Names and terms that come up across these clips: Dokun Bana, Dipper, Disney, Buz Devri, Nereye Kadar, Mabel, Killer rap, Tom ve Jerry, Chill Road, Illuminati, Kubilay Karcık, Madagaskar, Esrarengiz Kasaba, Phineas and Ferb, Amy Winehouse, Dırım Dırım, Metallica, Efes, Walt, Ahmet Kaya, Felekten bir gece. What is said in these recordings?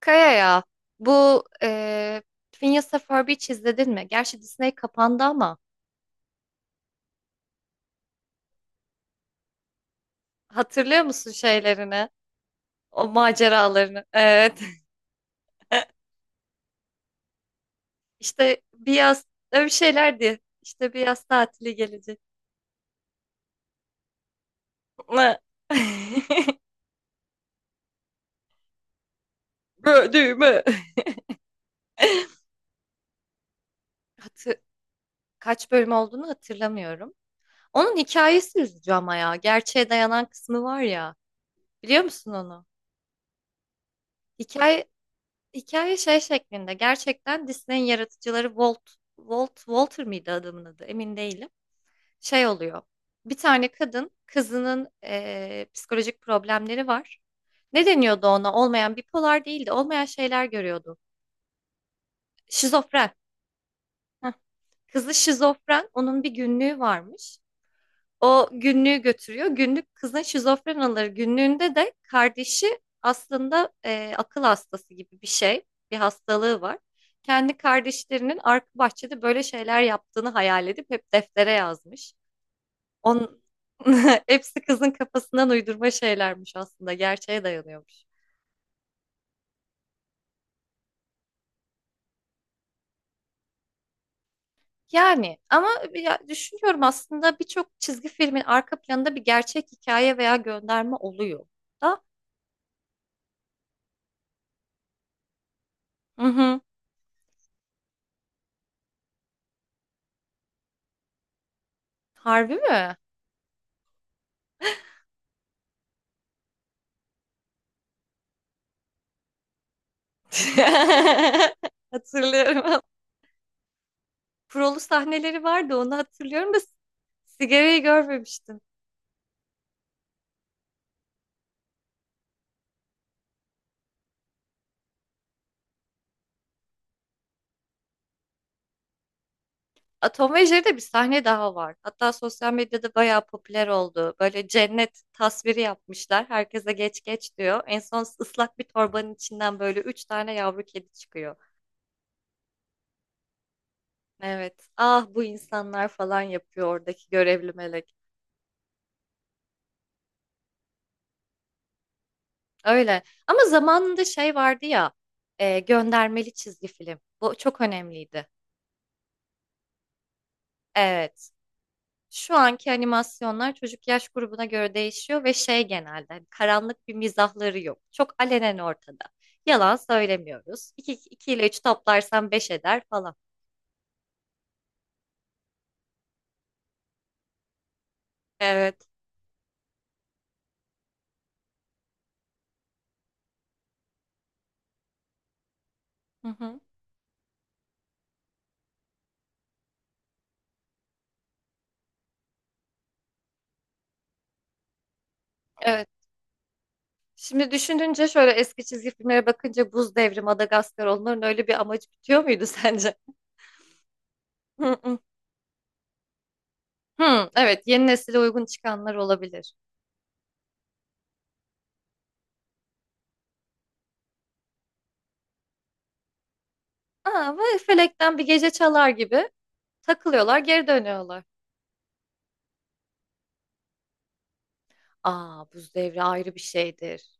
Kaya ya bu e, Phineas and Ferb hiç izledin mi? Gerçi Disney kapandı ama hatırlıyor musun şeylerini? O maceralarını. Evet. İşte bir yaz öyle bir şeylerdi. İşte bir yaz tatili gelecek. Böldüğümü. Hatı- Kaç bölüm olduğunu hatırlamıyorum. Onun hikayesi üzücü ama ya. Gerçeğe dayanan kısmı var ya. Biliyor musun onu? Hikaye Hikaye şey şeklinde gerçekten Disney'in yaratıcıları Walt, Walter mıydı adamın adı emin değilim. Şey oluyor bir tane kadın kızının psikolojik problemleri var. Ne deniyordu ona olmayan bipolar değildi olmayan şeyler görüyordu. Şizofren. Heh. Kızı şizofren onun bir günlüğü varmış. O günlüğü götürüyor. Günlük kızın şizofren alır. Günlüğünde de kardeşi aslında akıl hastası gibi bir şey, bir hastalığı var. Kendi kardeşlerinin arka bahçede böyle şeyler yaptığını hayal edip hep deftere yazmış. On hepsi kızın kafasından uydurma şeylermiş aslında, gerçeğe dayanıyormuş. Yani ama ya düşünüyorum aslında birçok çizgi filmin arka planında bir gerçek hikaye veya gönderme oluyor da. Hı hı. Harbi mi? Hatırlıyorum. Prolu sahneleri vardı onu hatırlıyorum da sigarayı görmemiştim. A, Tom ve Jerry'de bir sahne daha var. Hatta sosyal medyada bayağı popüler oldu. Böyle cennet tasviri yapmışlar. Herkese geç geç diyor. En son ıslak bir torbanın içinden böyle üç tane yavru kedi çıkıyor. Evet. Ah bu insanlar falan yapıyor oradaki görevli melek. Öyle. Ama zamanında şey vardı ya. Göndermeli çizgi film. Bu çok önemliydi. Evet. Şu anki animasyonlar çocuk yaş grubuna göre değişiyor ve şey genelde hani karanlık bir mizahları yok. Çok alenen ortada. Yalan söylemiyoruz. 2, iki ile 3 toplarsan 5 eder falan. Evet. Hı hı. Evet. Şimdi düşününce şöyle eski çizgi filmlere bakınca Buz Devri, Madagaskar onların öyle bir amacı bitiyor muydu sence? Hı hı. Hı, evet yeni nesile uygun çıkanlar olabilir. Aa, ve Felekten bir gece çalar gibi takılıyorlar geri dönüyorlar. Aa Buz Devri ayrı bir şeydir.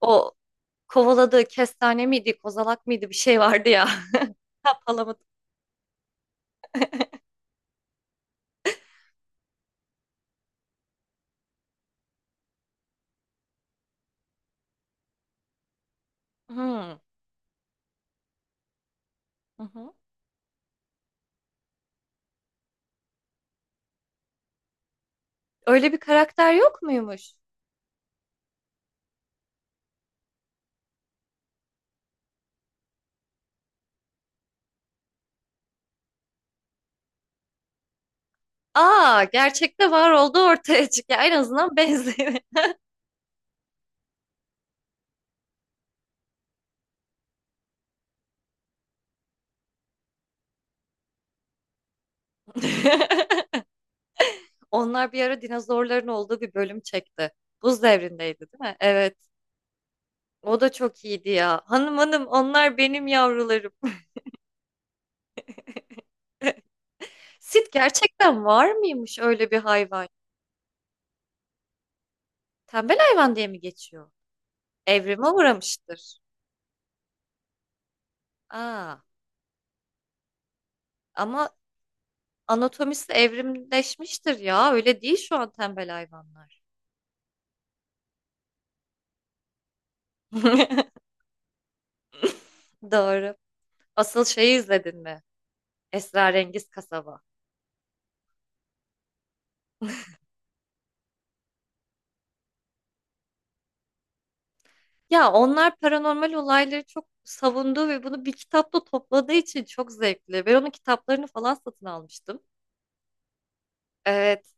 O kovaladığı kestane miydi, kozalak mıydı bir şey vardı ya. Ha, palamut. Hmm, hı hı. Öyle bir karakter yok muymuş? Aa, gerçekte var oldu ortaya çıkıyor. En azından benziyor. Onlar bir ara dinozorların olduğu bir bölüm çekti. Buz devrindeydi değil mi? Evet. O da çok iyiydi ya. Hanım hanım onlar benim yavrularım. Sit gerçekten var mıymış öyle bir hayvan? Tembel hayvan diye mi geçiyor? Evrime uğramıştır. Aa, ama anatomisi evrimleşmiştir ya. Öyle değil şu an tembel hayvanlar. Doğru. Asıl şeyi izledin mi? Esrarengiz Kasaba. Ya onlar paranormal olayları çok savundu ve bunu bir kitapta topladığı için çok zevkli. Ben onun kitaplarını falan satın almıştım. Evet.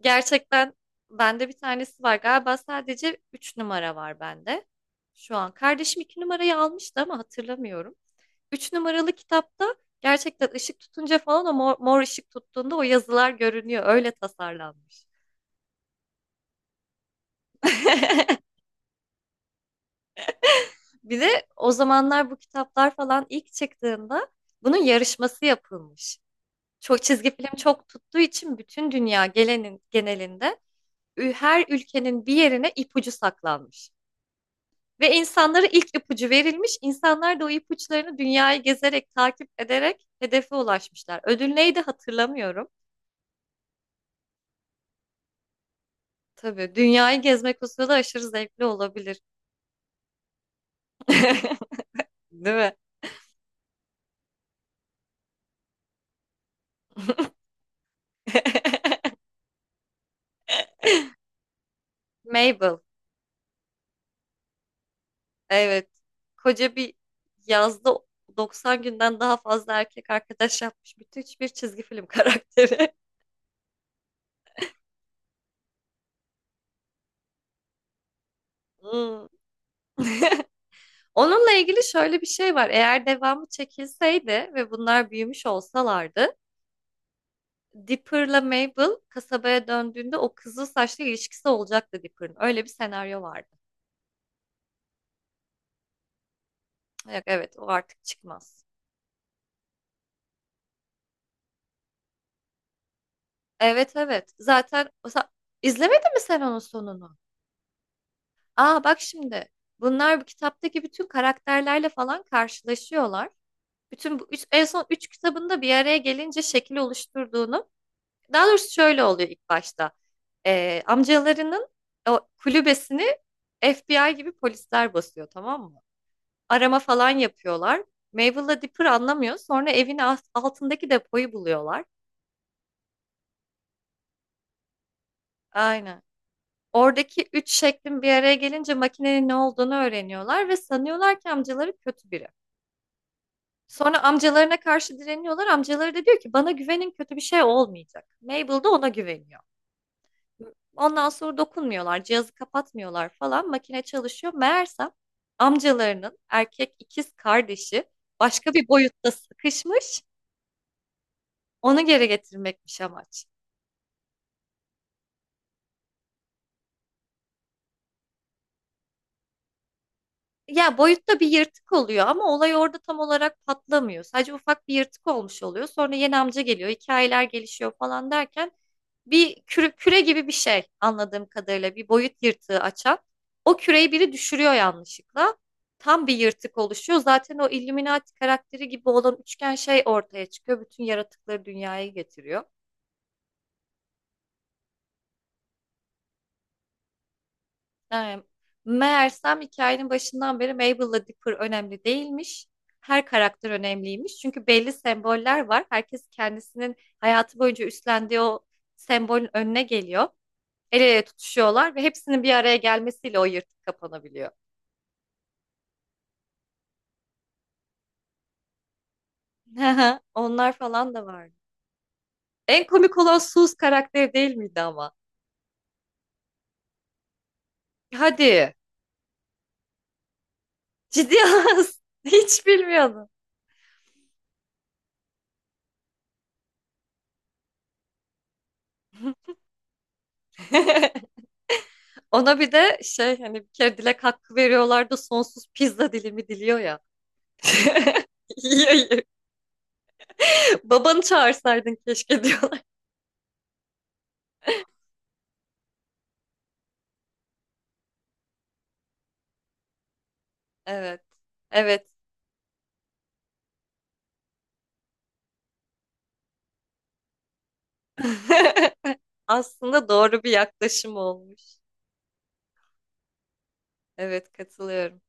Gerçekten bende bir tanesi var. Galiba sadece 3 numara var bende. Şu an kardeşim 2 numarayı almıştı ama hatırlamıyorum. Üç numaralı kitapta gerçekten ışık tutunca falan o mor, mor ışık tuttuğunda o yazılar görünüyor. Öyle tasarlanmış. Bir de o zamanlar bu kitaplar falan ilk çıktığında bunun yarışması yapılmış. Çok çizgi film çok tuttuğu için bütün dünya gelenin genelinde her ülkenin bir yerine ipucu saklanmış. Ve insanlara ilk ipucu verilmiş. İnsanlar da o ipuçlarını dünyayı gezerek, takip ederek hedefe ulaşmışlar. Ödül neydi hatırlamıyorum. Tabii dünyayı gezmek o sırada aşırı zevkli olabilir. Değil mi? Mabel. Evet. Koca bir yazda 90 günden daha fazla erkek arkadaş yapmış bütün bir çizgi film karakteri. Hmm. Onunla ilgili şöyle bir şey var. Eğer devamı çekilseydi ve bunlar büyümüş olsalardı, Dipper'la Mabel kasabaya döndüğünde o kızıl saçlı ilişkisi olacaktı Dipper'ın. Öyle bir senaryo vardı. Yok, evet o artık çıkmaz. Evet evet. Zaten izlemedin mi sen onun sonunu? Aa bak şimdi. Bunlar bu kitaptaki bütün karakterlerle falan karşılaşıyorlar. Bütün bu üç, en son üç kitabında bir araya gelince şekil oluşturduğunu. Daha doğrusu şöyle oluyor ilk başta. Amcalarının o kulübesini FBI gibi polisler basıyor tamam mı? Arama falan yapıyorlar. Mabel'la Dipper anlamıyor. Sonra evin altındaki depoyu buluyorlar. Aynen. Oradaki üç şeklin bir araya gelince makinenin ne olduğunu öğreniyorlar ve sanıyorlar ki amcaları kötü biri. Sonra amcalarına karşı direniyorlar. Amcaları da diyor ki bana güvenin kötü bir şey olmayacak. Mabel de ona güveniyor. Ondan sonra dokunmuyorlar, cihazı kapatmıyorlar falan. Makine çalışıyor. Meğersem amcalarının erkek ikiz kardeşi başka bir boyutta sıkışmış. Onu geri getirmekmiş amaç. Ya boyutta bir yırtık oluyor ama olay orada tam olarak patlamıyor. Sadece ufak bir yırtık olmuş oluyor. Sonra yeni amca geliyor, hikayeler gelişiyor falan derken bir küre gibi bir şey anladığım kadarıyla bir boyut yırtığı açan. O küreyi biri düşürüyor yanlışlıkla. Tam bir yırtık oluşuyor. Zaten o Illuminati karakteri gibi olan üçgen şey ortaya çıkıyor. Bütün yaratıkları dünyaya getiriyor. Evet. Meğersem hikayenin başından beri Mabel'la Dipper önemli değilmiş. Her karakter önemliymiş. Çünkü belli semboller var. Herkes kendisinin hayatı boyunca üstlendiği o sembolün önüne geliyor. El ele tutuşuyorlar ve hepsinin bir araya gelmesiyle o yırtık kapanabiliyor. Onlar falan da vardı. En komik olan Sus karakteri değil miydi ama? Hadi. Ciddi olamazsın. Hiç bilmiyordum. Ona bir de şey hani bir kere dilek hakkı veriyorlar da sonsuz pizza dilimi diliyor ya. Yiyor, yiyor. Babanı çağırsaydın keşke diyorlar. Evet. Evet. Aslında doğru bir yaklaşım olmuş. Evet katılıyorum.